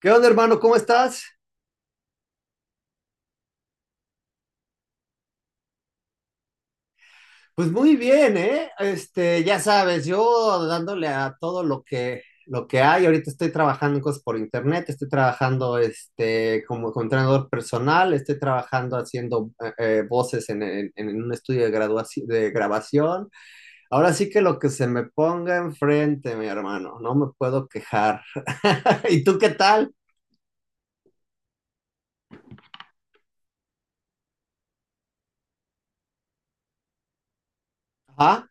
¿Qué onda, hermano? ¿Cómo estás? Pues muy bien, ¿eh? Ya sabes, yo dándole a todo lo que hay. Ahorita estoy trabajando en cosas por internet, estoy trabajando como entrenador personal, estoy trabajando haciendo voces en un estudio de grabación. Ahora sí que lo que se me ponga enfrente, mi hermano, no me puedo quejar. ¿Y tú qué tal? Ajá.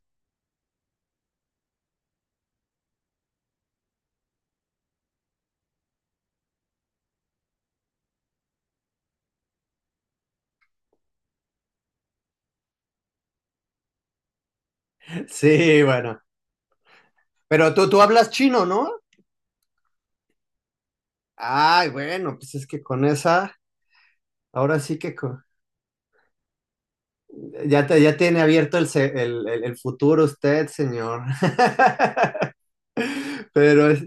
Sí, bueno. Pero tú hablas chino, ¿no? Ay, bueno, pues es que con esa. Ahora sí que ya tiene abierto el, se- el futuro usted, señor. Pero es,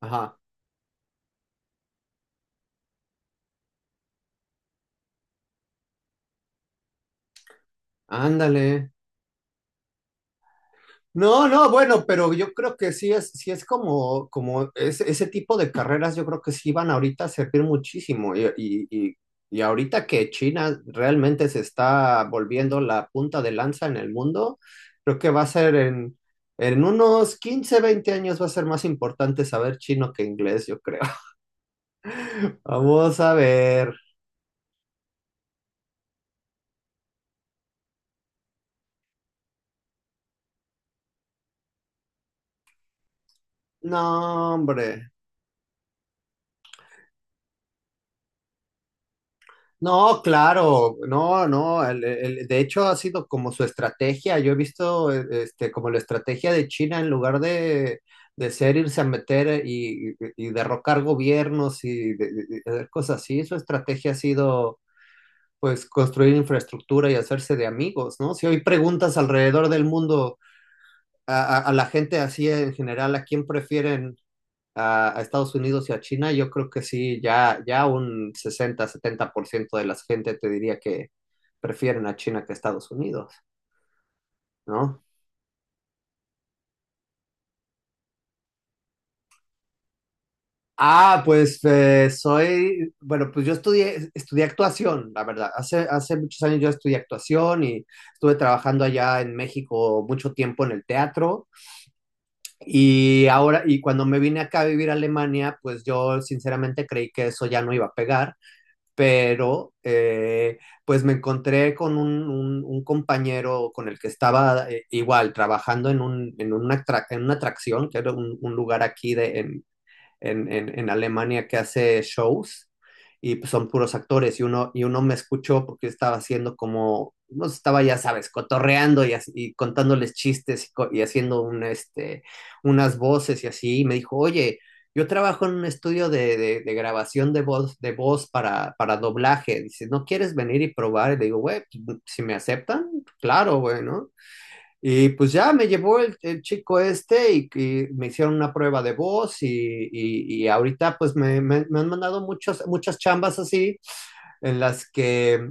ajá, ándale. No, no, bueno, pero yo creo que sí es como ese tipo de carreras, yo creo que sí van ahorita a servir muchísimo. Y ahorita que China realmente se está volviendo la punta de lanza en el mundo, creo que va a ser en unos 15 20 años va a ser más importante saber chino que inglés, yo creo. Vamos a ver. No, hombre. No, claro, no, no. De hecho, ha sido como su estrategia. Yo he visto como la estrategia de China en lugar de ser irse a meter y derrocar gobiernos y, de hacer cosas así. Su estrategia ha sido, pues, construir infraestructura y hacerse de amigos, ¿no? Si hoy preguntas alrededor del mundo a la gente así en general, ¿a quién prefieren? A Estados Unidos y a China, yo creo que sí, ya un 60 70% de la gente te diría que prefieren a China que a Estados Unidos, ¿no? Ah, pues bueno, pues yo estudié actuación, la verdad. Hace muchos años yo estudié actuación y estuve trabajando allá en México mucho tiempo en el teatro. Y ahora, y cuando me vine acá a vivir a Alemania, pues yo sinceramente creí que eso ya no iba a pegar. Pero pues me encontré con un compañero con el que estaba igual trabajando en, un, en, una, atrac- en una atracción, que era un lugar aquí de, en Alemania que hace shows y pues son puros actores y uno me escuchó porque estaba haciendo como, no estaba ya sabes, cotorreando y contándoles chistes y haciendo unas voces y así, y me dijo, oye, yo trabajo en un estudio de grabación de voz para doblaje, dice, ¿no quieres venir y probar? Y le digo, güey, pues, si me aceptan, claro, güey, ¿no? Y pues ya me llevó el chico este y me hicieron una prueba de voz y ahorita pues me han mandado muchas muchas chambas así en las que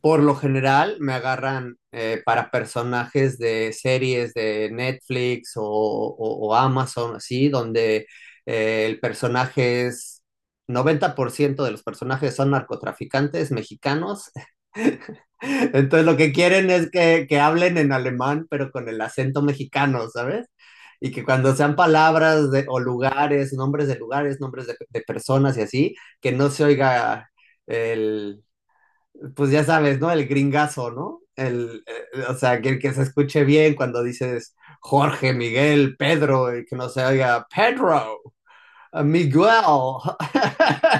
por lo general me agarran para personajes de series de Netflix o Amazon así, donde el personaje es, 90% de los personajes son narcotraficantes mexicanos. Entonces lo que quieren es que, hablen en alemán, pero con el acento mexicano, ¿sabes? Y que cuando sean palabras o lugares, nombres de lugares, nombres de personas y así, que no se oiga el, pues ya sabes, ¿no? El gringazo, ¿no? O sea, que se escuche bien cuando dices Jorge, Miguel, Pedro, y que no se oiga Pedro, Miguel.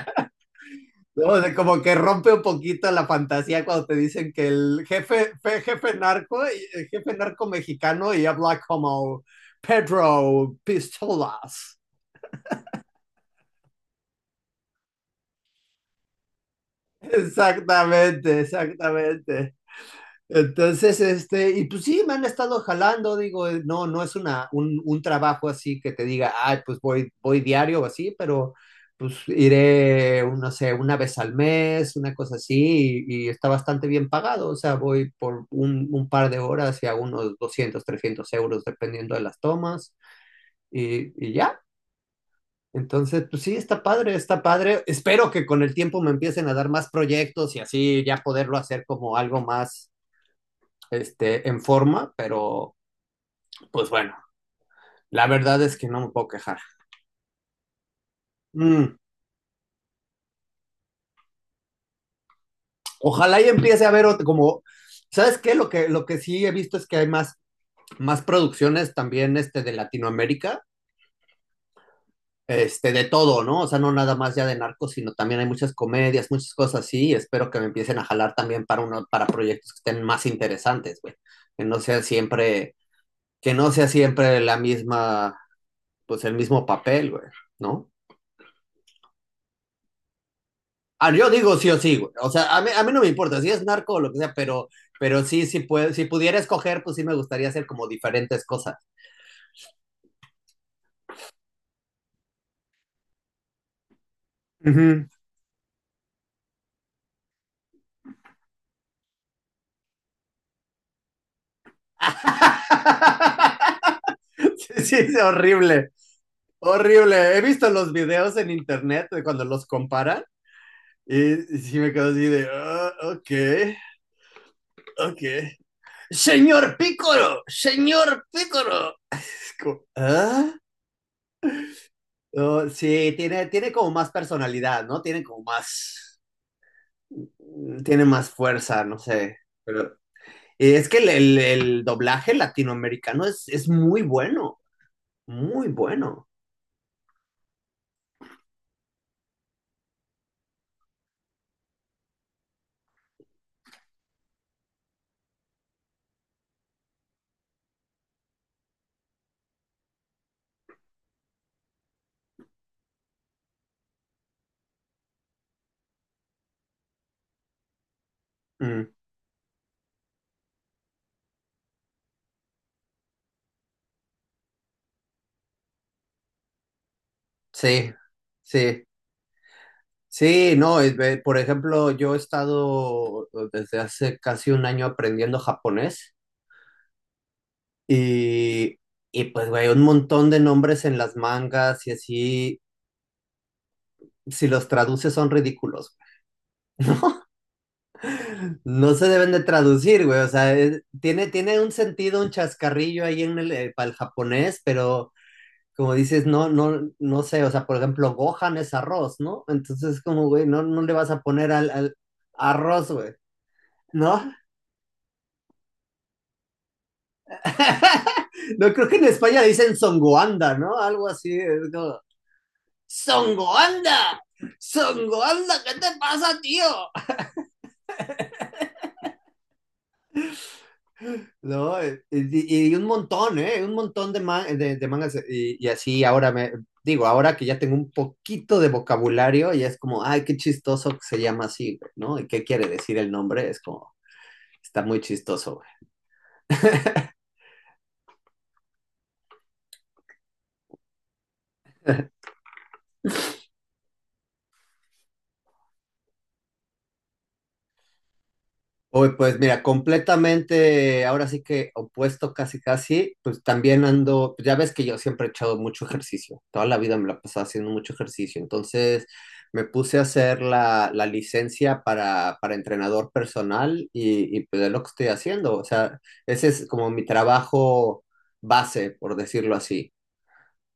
No, de como que rompe un poquito la fantasía cuando te dicen que el jefe, fe- jefe narco, el jefe narco mexicano y habla como Pedro Pistolas. Exactamente, exactamente. Entonces, y pues sí, me han estado jalando, digo, no, no es un trabajo así que te diga, ah, pues voy diario o así, pero pues iré, no sé, una vez al mes, una cosa así, y está bastante bien pagado, o sea, voy por un par de horas y a unos 200 300 euros, dependiendo de las tomas, y ya. Entonces, pues sí, está padre, está padre. Espero que con el tiempo me empiecen a dar más proyectos y así ya poderlo hacer como algo más en forma, pero pues bueno, la verdad es que no me puedo quejar. Mm, ojalá y empiece a ver como, ¿sabes qué? Lo que sí he visto es que hay más producciones también de Latinoamérica, de todo, ¿no? O sea, no nada más ya de narcos, sino también hay muchas comedias, muchas cosas así, y espero que me empiecen a jalar también para, uno, para proyectos que estén más interesantes, güey. Que no sea siempre, que no sea siempre la misma, pues el mismo papel, güey, ¿no? Ah, yo digo sí o sí, güey. O sea, a mí no me importa si es narco o lo que sea, pero sí, sí puede, si pudiera escoger, pues sí me gustaría hacer como diferentes cosas. Ujú. Sí, sí, es horrible, horrible. He visto los videos en internet de cuando los comparan y sí me quedo así de, "Ah, ok, ok. Señor Pícoro, señor Pícoro. Es como, "Ah, oh, sí, tiene como más personalidad, ¿no? Tiene como más... tiene más fuerza, no sé. Pero es que el doblaje latinoamericano es muy bueno, muy bueno. Mm, sí, sí, sí, no, por ejemplo, yo he estado desde hace casi un año aprendiendo japonés y, y pues, güey, un montón de nombres en las mangas y así, si los traduces son ridículos. No se deben de traducir, güey. O sea, tiene un sentido, un chascarrillo ahí en el, para el japonés, pero como dices, no, no, no sé. O sea, por ejemplo, Gohan es arroz, ¿no? Entonces, como, güey, no, no le vas a poner al arroz, güey, ¿no? No creo que en España dicen songoanda, ¿no? Algo así. Es como, ¡Songoanda! ¡Songoanda! ¿Qué te pasa, tío? No, y un montón, ¿eh? Un montón de mangas. Y así ahora me digo, ahora que ya tengo un poquito de vocabulario, ya es como, ay, qué chistoso que se llama así, ¿no? ¿Y qué quiere decir el nombre? Es como, está muy chistoso. Uy, pues mira, completamente, ahora sí que opuesto casi casi, pues también ando, pues, ya ves que yo siempre he echado mucho ejercicio, toda la vida me la pasaba haciendo mucho ejercicio, entonces me puse a hacer la licencia para entrenador personal y pues es lo que estoy haciendo, o sea, ese es como mi trabajo base, por decirlo así.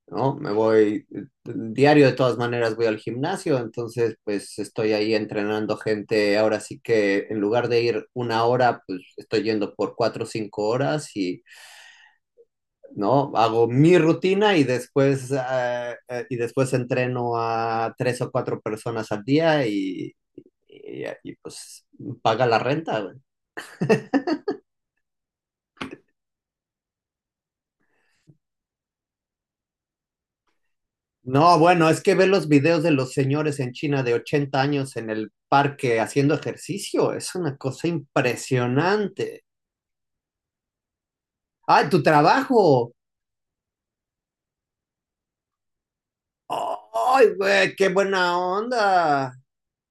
¿No? Me voy diario de todas maneras, voy al gimnasio, entonces pues estoy ahí entrenando gente, ahora sí que en lugar de ir una hora, pues estoy yendo por 4 o 5 horas y, ¿no? Hago mi rutina y después entreno a tres o cuatro personas al día y pues paga la renta, güey. No, bueno, es que ver los videos de los señores en China de 80 años en el parque haciendo ejercicio es una cosa impresionante. ¡Ay, tu trabajo! ¡Ay, güey, qué buena onda!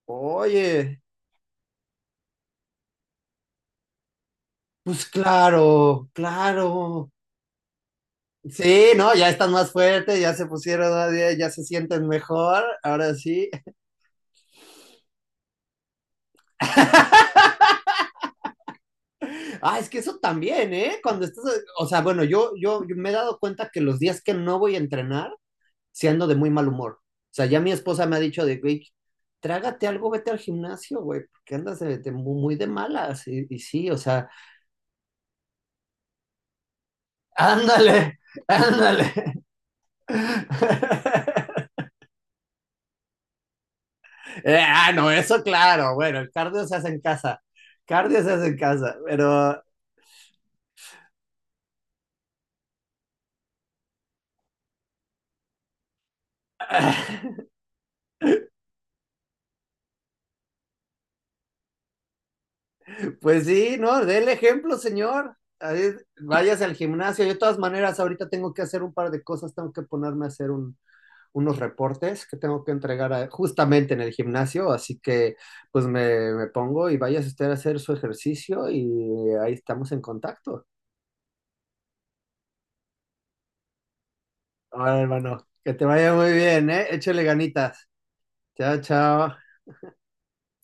Oye, pues claro, claro. Sí, no, ya están más fuertes, ya se pusieron, a dieta, ya se sienten mejor, ahora sí. Ah, es que eso también, ¿eh? Cuando estás, o sea, bueno, yo me he dado cuenta que los días que no voy a entrenar, si ando de muy mal humor. O sea, ya mi esposa me ha dicho de, güey, trágate algo, vete al gimnasio, güey, porque andas de muy, muy de malas. Y sí, o sea, ándale, ándale. Ah, no, eso claro, bueno, el cardio se hace en casa. Cardio se hace en casa, pero pues sí, ¿no? Dé el ejemplo, señor. Ahí, váyase al gimnasio. Yo de todas maneras, ahorita tengo que hacer un par de cosas, tengo que ponerme a hacer unos reportes que tengo que entregar justamente en el gimnasio, así que pues me pongo y vayas usted a hacer su ejercicio y ahí estamos en contacto. Ahora, hermano, que te vaya muy bien, ¿eh? Échale ganitas. Chao, chao.